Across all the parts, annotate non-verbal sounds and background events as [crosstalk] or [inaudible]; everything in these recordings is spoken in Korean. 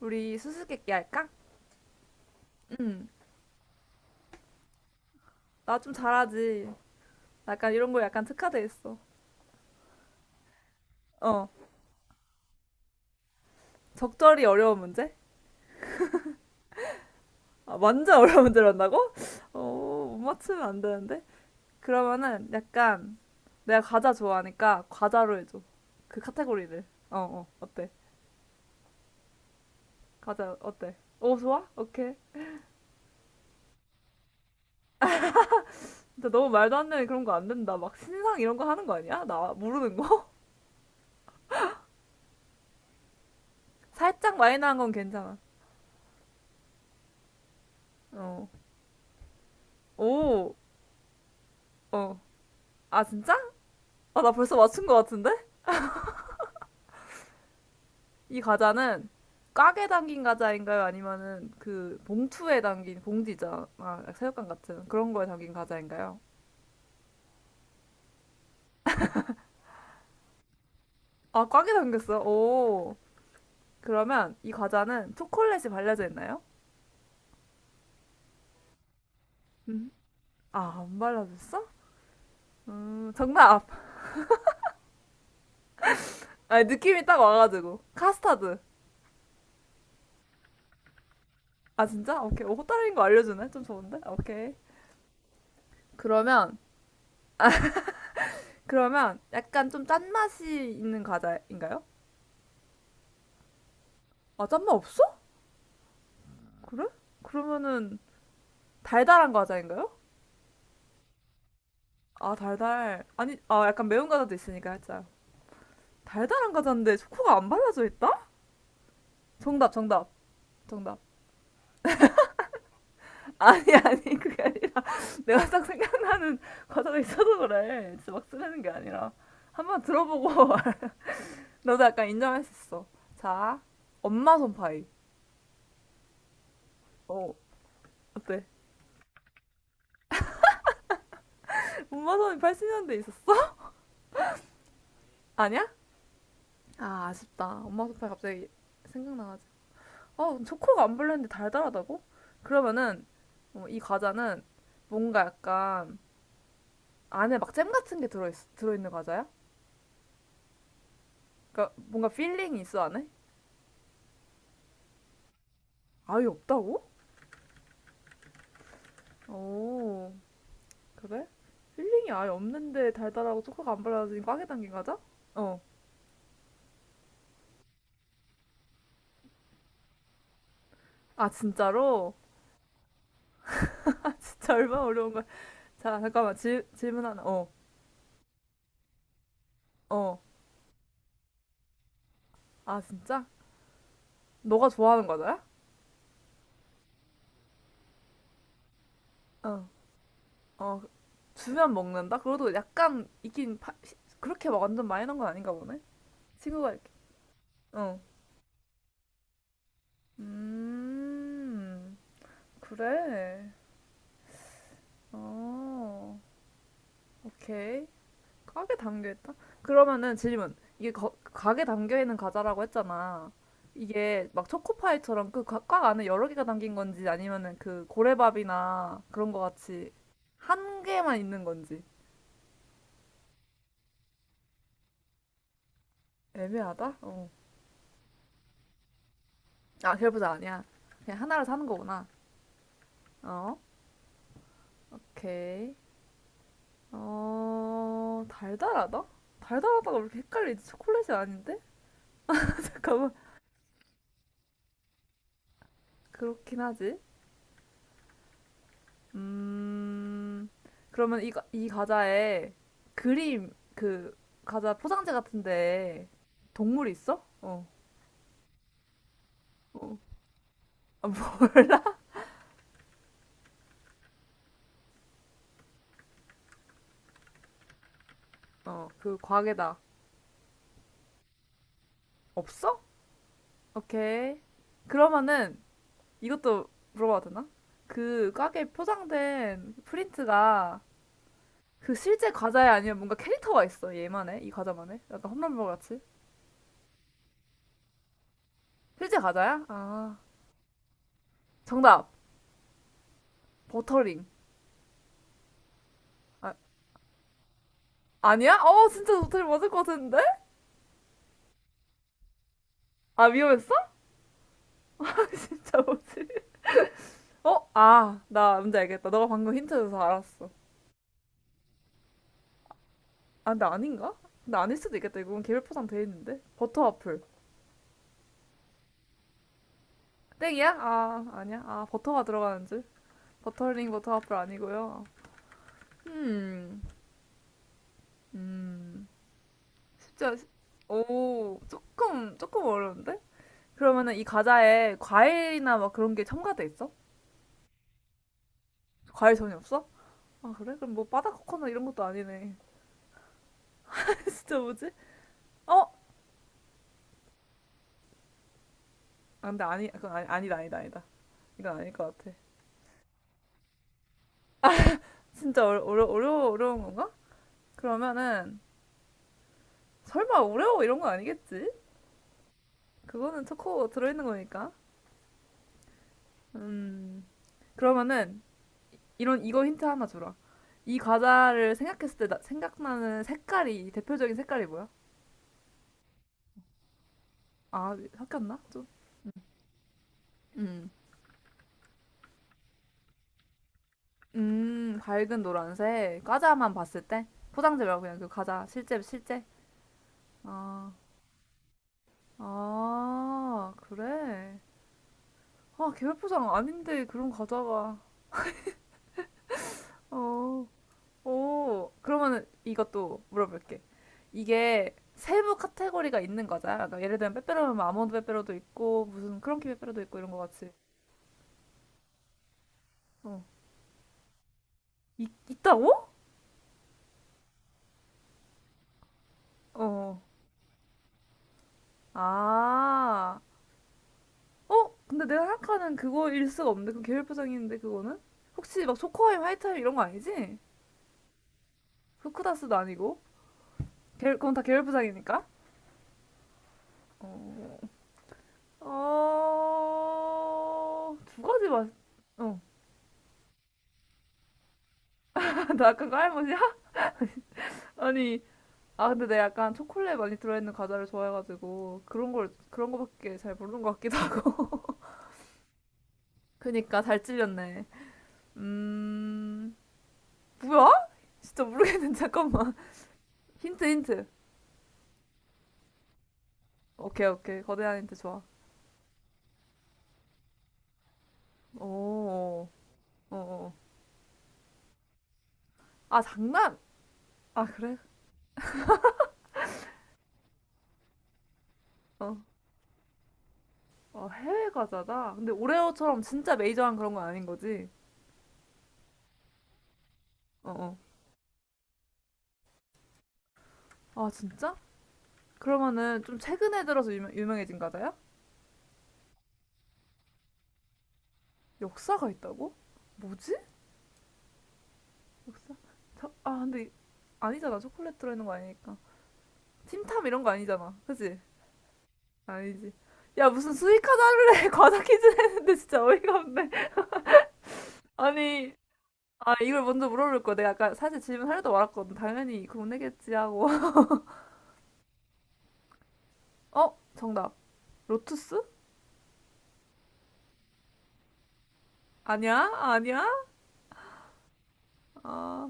우리 수수께끼 할까? 응. 나 좀 잘하지. 약간 이런 거 약간 특화돼 있어. 어. 적절히 어려운 문제? 아, 완전 [laughs] 어려운 문제를 한다고? 어, 못 맞추면 안 되는데. 그러면은 약간 내가 과자 좋아하니까 과자로 해줘. 그 카테고리를. 어, 어. 어때? 과자 어때? 오, 좋아? 오케이. 근데 너무 말도 안 되는 그런 거 안 된다. 막 신상 이런 거 하는 거 아니야? 나 모르는 거? [laughs] 살짝 마이너한 건 괜찮아. 어. 오. 어. 아, 진짜? 아, 나 벌써 맞춘 거 같은데? 이 과자는 꽉에 담긴 과자인가요? 아니면은 그 봉투에 담긴 봉지잖아. 새우깡 같은 그런 거에 담긴 과자인가요? 아, 꽉에 담겼어요? 오. 그러면 이 과자는 초콜릿이 발려져 있나요? 음. 아, 안 발라졌어? 정답. 아, 느낌이 딱 와가지고. 카스타드. 아, 진짜? 오케이. 어, 호따르인 거 알려주네? 좀 좋은데? 오케이. 그러면, 그러면 약간 좀 짠맛이 있는 과자인가요? 아, 짠맛 없어? 그래? 그러면은 달달한 과자인가요? 아, 달달. 아니, 아, 약간 매운 과자도 있으니까 살짝. 달달한 과자인데 초코가 안 발라져 있다? 정답, 정답, 정답. [laughs] 아니, 그게 아니라. [laughs] 내가 딱 생각나는 과자가 있어서 그래. 진짜 막 쓰려는 게 아니라. 한번 들어보고 [laughs] 너도 약간 인정할 수 있어. 자, 엄마 손파이. 어, 어때? [laughs] 엄마 손이 80년대에 있었어? [laughs] 아니야? 아, 아쉽다. 엄마 손파이 갑자기 생각나가지고. 어, 초코가 안 발랐는데 달달하다고? 그러면은 어, 이 과자는 뭔가 약간 안에 막 잼 같은 게 들어있는 과자야? 그러니까 뭔가 필링이 있어 안에? 아예 없다고? 오, 그래? 필링이 아예 없는데 달달하고 초코가 안 발라진 꽉에 담긴 과자? 어. 아, 진짜로? [laughs] 진짜 얼마나 어려운 거야. 자, 잠깐만. 질문 하나. 어, 어. 아, 진짜? 너가 좋아하는 과자야? 어. 어, 주면 먹는다? 그래도 약간 있긴 그렇게 막 완전 많이 넣은 건 아닌가 보네. 친구가 이렇게. 어. 음. 그래. 어. 오케이. 가게 담겨 있다. 그러면은 질문. 이게 가게 담겨 있는 과자라고 했잖아. 이게 막 초코파이처럼 그 꽉 안에 여러 개가 담긴 건지 아니면은 그 고래밥이나 그런 거 같이 한 개만 있는 건지 애매하다? 어. 아, 결부자 아니야. 그냥 하나를 사는 거구나. 어? 오케이. 어, 달달하다? 달달하다가 왜 이렇게 헷갈리지? 초콜릿이 아닌데? [laughs] 잠깐만. 그렇긴 하지. 음, 그러면 이 과자에 그림, 그, 과자 포장지 같은데 동물 있어? 어, 어, 아, 뭐, 어, 그 과게다. 없어? 오케이. 그러면은 이것도 물어봐도 되나? 그 과게 포장된 프린트가 그 실제 과자야 아니면 뭔가 캐릭터가 있어 얘만의 이 과자만의 약간 홈런버 같이 실제 과자야? 아 정답 버터링 아 아니야? 어 진짜 버터링 맞을 것 같은데? 아 위험했어? [laughs] 진짜 뭐지? 어아나 뭔지 알겠다 너가 방금 힌트 줘서 알았어 아 근데 아닌가? 근데 아닐 수도 있겠다 이건 개별 포장 돼 있는데 버터 와플 땡이야? 아 아니야 아 버터가 들어가는 줄 버터링 버터 와플 아니고요 음음 진짜 오 조금 어려운데? 그러면은 이 과자에 과일이나 막 그런 게 첨가돼 있어? 과일 전혀 없어? 아 그래? 그럼 뭐 바다 코코넛 이런 것도 아니네. [laughs] 진짜 뭐지? 어? 아, 근데 아니 그건 아니, 아니다 아니다. 이건 아닐 것 같아. 진짜 어려운 건가? 그러면은 설마 오레오 이런 건 아니겠지? 그거는 초코 들어있는 거니까. 음 그러면은 이런 이거 힌트 하나 주라. 이 과자를 생각했을 때 생각나는 색깔이 대표적인 색깔이 뭐야? 아 섞였나 좀? 음 밝은 노란색. 과자만 봤을 때? 포장지 말고 그냥 그 과자. 실제. 아, 아, 그래. 아, 계열 포장 아닌데 그런 과자가. 어, 오. 그러면은 이것도 물어볼게. 이게 세부 카테고리가 있는 과자야? 그러니까 예를 들면 빼빼로면 아몬드 빼빼로도 있고, 무슨 크런키 빼빼로도 있고 이런 거 같이. 어. 있다고? 어. 아. 어? 근데 내가 생각하는 그거일 수가 없는데 그 계열 포장인데 그거는? 혹시 막 초코아임, 화이타임 이런 거 아니지? 후크다스도 아니고 계열, 그건 다 계열 포장이니까 어... 어... 두 가지 맛. 어, [laughs] 나 아까 그할 맛이야? [laughs] 아니, 아 근데 내가 약간 초콜릿 많이 들어있는 과자를 좋아해가지고 그런 거밖에 잘 모르는 것 같기도 하고. [laughs] 그니까 잘 찔렸네. 음, 뭐야? 진짜 모르겠는데 잠깐만. [laughs] 힌트. 오케이 거대한 힌트 좋아. 어, 어, 어. 아, 장난! 아, 그래? 어, 어, 해외 과자다? 근데 오레오처럼 진짜 메이저한 그런 건 아닌 거지? 어, 어. 아, 진짜? 그러면은 좀 최근에 들어서 유명해진 과자야? 역사가 있다고? 뭐지? 자, 아, 근데 아니잖아. 초콜릿 들어있는 거 아니니까. 틴탐 이런 거 아니잖아. 그지? 아니지. 야, 무슨 수익 과자를 [laughs] 해? 과자 퀴즈 했는데 진짜 어이가 없네. 아니, 아, 이걸 먼저 물어볼 거. 내가 아까 사실 질문 하려다 말았거든. 당연히 그건 내겠지 하고. 어? 정답. 로투스? 아니야? 아니야? 아,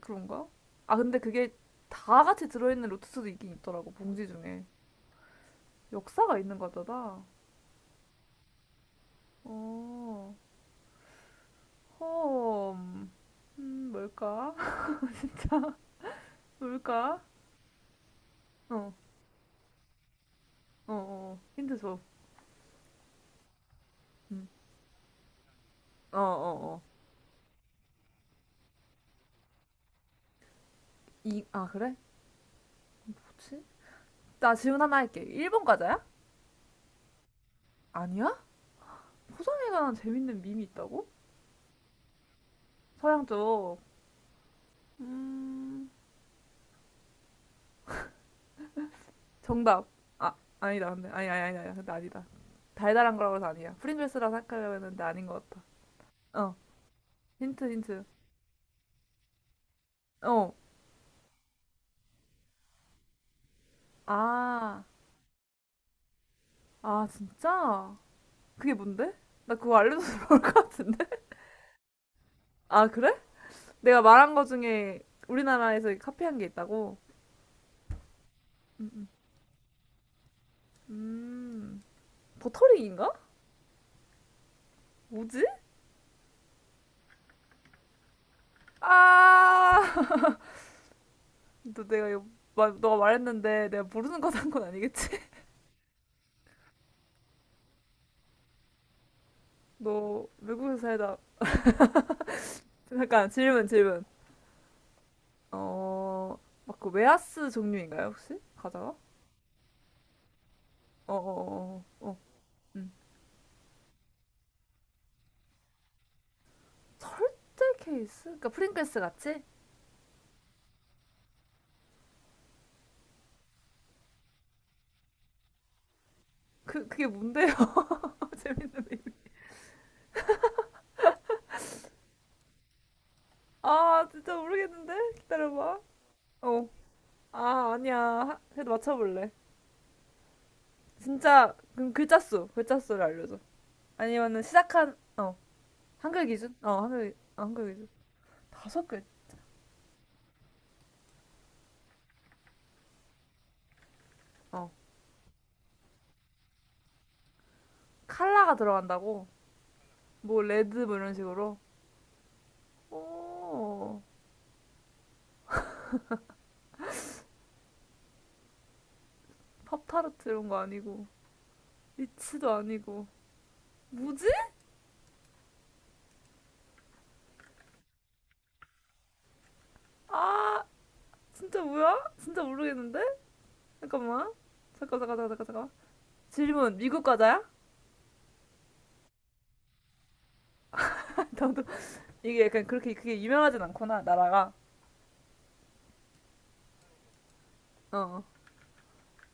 그런가? 아, 근데 그게 다 같이 들어있는 로투스도 있긴 있더라고, 봉지 중에. 역사가 있는 거잖아. 어, 홈 뭘까? [laughs] 뭘까? 어, 어, 어. 힌트 줘. 음. 어, 어, 어. 이, 아, 그래? 뭐지? 나 질문 하나 할게. 일본 과자야? 아니야? 포장에 관한 재밌는 밈이 있다고? 서양 쪽. 음, 정답. 아, 아니다. 근데 아니. 근데 아니다. 달달한 거라고 해서 아니야. 프링글스라 생각하려고 했는데 아닌 것 같아. 어. 힌트. 어. 아. 아, 진짜? 그게 뭔데? 나 그거 알려줘서 [laughs] 좋을 것 같은데. 아, 그래? 내가 말한 거 중에 우리나라에서 카피한 게 있다고? 음. 음. 음. 버터링인가? 뭐지? 아. [laughs] 너 내가 이거 너가 말했는데 내가 모르는 거 산 건 아니겠지? [laughs] 너 외국에서 살다. 잠깐 질문. 어, 막 그 웨하스 종류인가요, 혹시? 과자가? 어. 음. 절대 케이스? 그러니까 프링글스 같이? 그게 뭔데요? [laughs] 재밌는 이름. 아, 진짜 모르겠는데? 기다려봐. 어. 아, 아니야. 하- 그래도 맞춰볼래. 진짜, 그럼 글자 수를 알려줘. 아니면은 시작한, 어, 한글 기준? 어, 한글 기준. 다섯 글, 어. 칼라가 들어간다고? 뭐, 레드, 뭐 이런 식으로? 오, 팝타르트 이런 거 아니고. 위치도 아니고 뭐지? 아 진짜 뭐야? 진짜 모르겠는데? 잠깐만 잠깐 질문 미국 과자야? [laughs] 나도 이게 약간 그렇게 그게 유명하진 않구나 나라가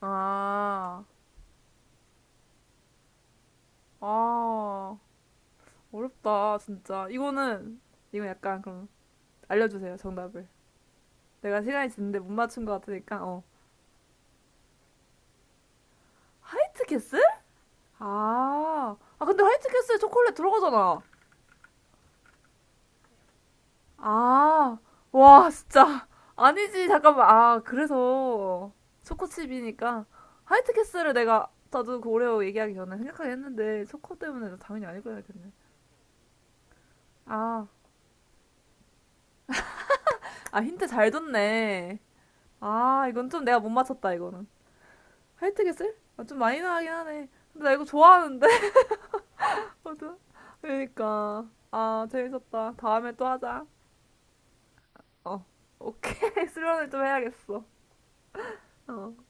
어 아 아 어렵다 진짜 이거는 이건 약간 그럼 알려주세요 정답을 내가 시간이 지는데 못 맞춘 것 같으니까 어 화이트 캐슬? 아, 아 근데 화이트 캐슬에 초콜릿 들어가잖아 아. 와 진짜. 아니지. 잠깐만. 아, 그래서 초코칩이니까 화이트캐슬을 내가 나도 그 오레오 얘기하기 전에 생각하긴 했는데 초코 때문에 당연히 아닐 거야 했네. 아. 아, 힌트 잘 줬네. 아, 이건 좀 내가 못 맞췄다 이거는. 화이트캐슬? 아, 좀 많이 나가긴 하네. 근데 나 이거 좋아하는데. [laughs] 맞아. 그러니까. 아, 재밌었다. 다음에 또 하자. 어. 오케이. [laughs] 수련을 좀 해야겠어. 어.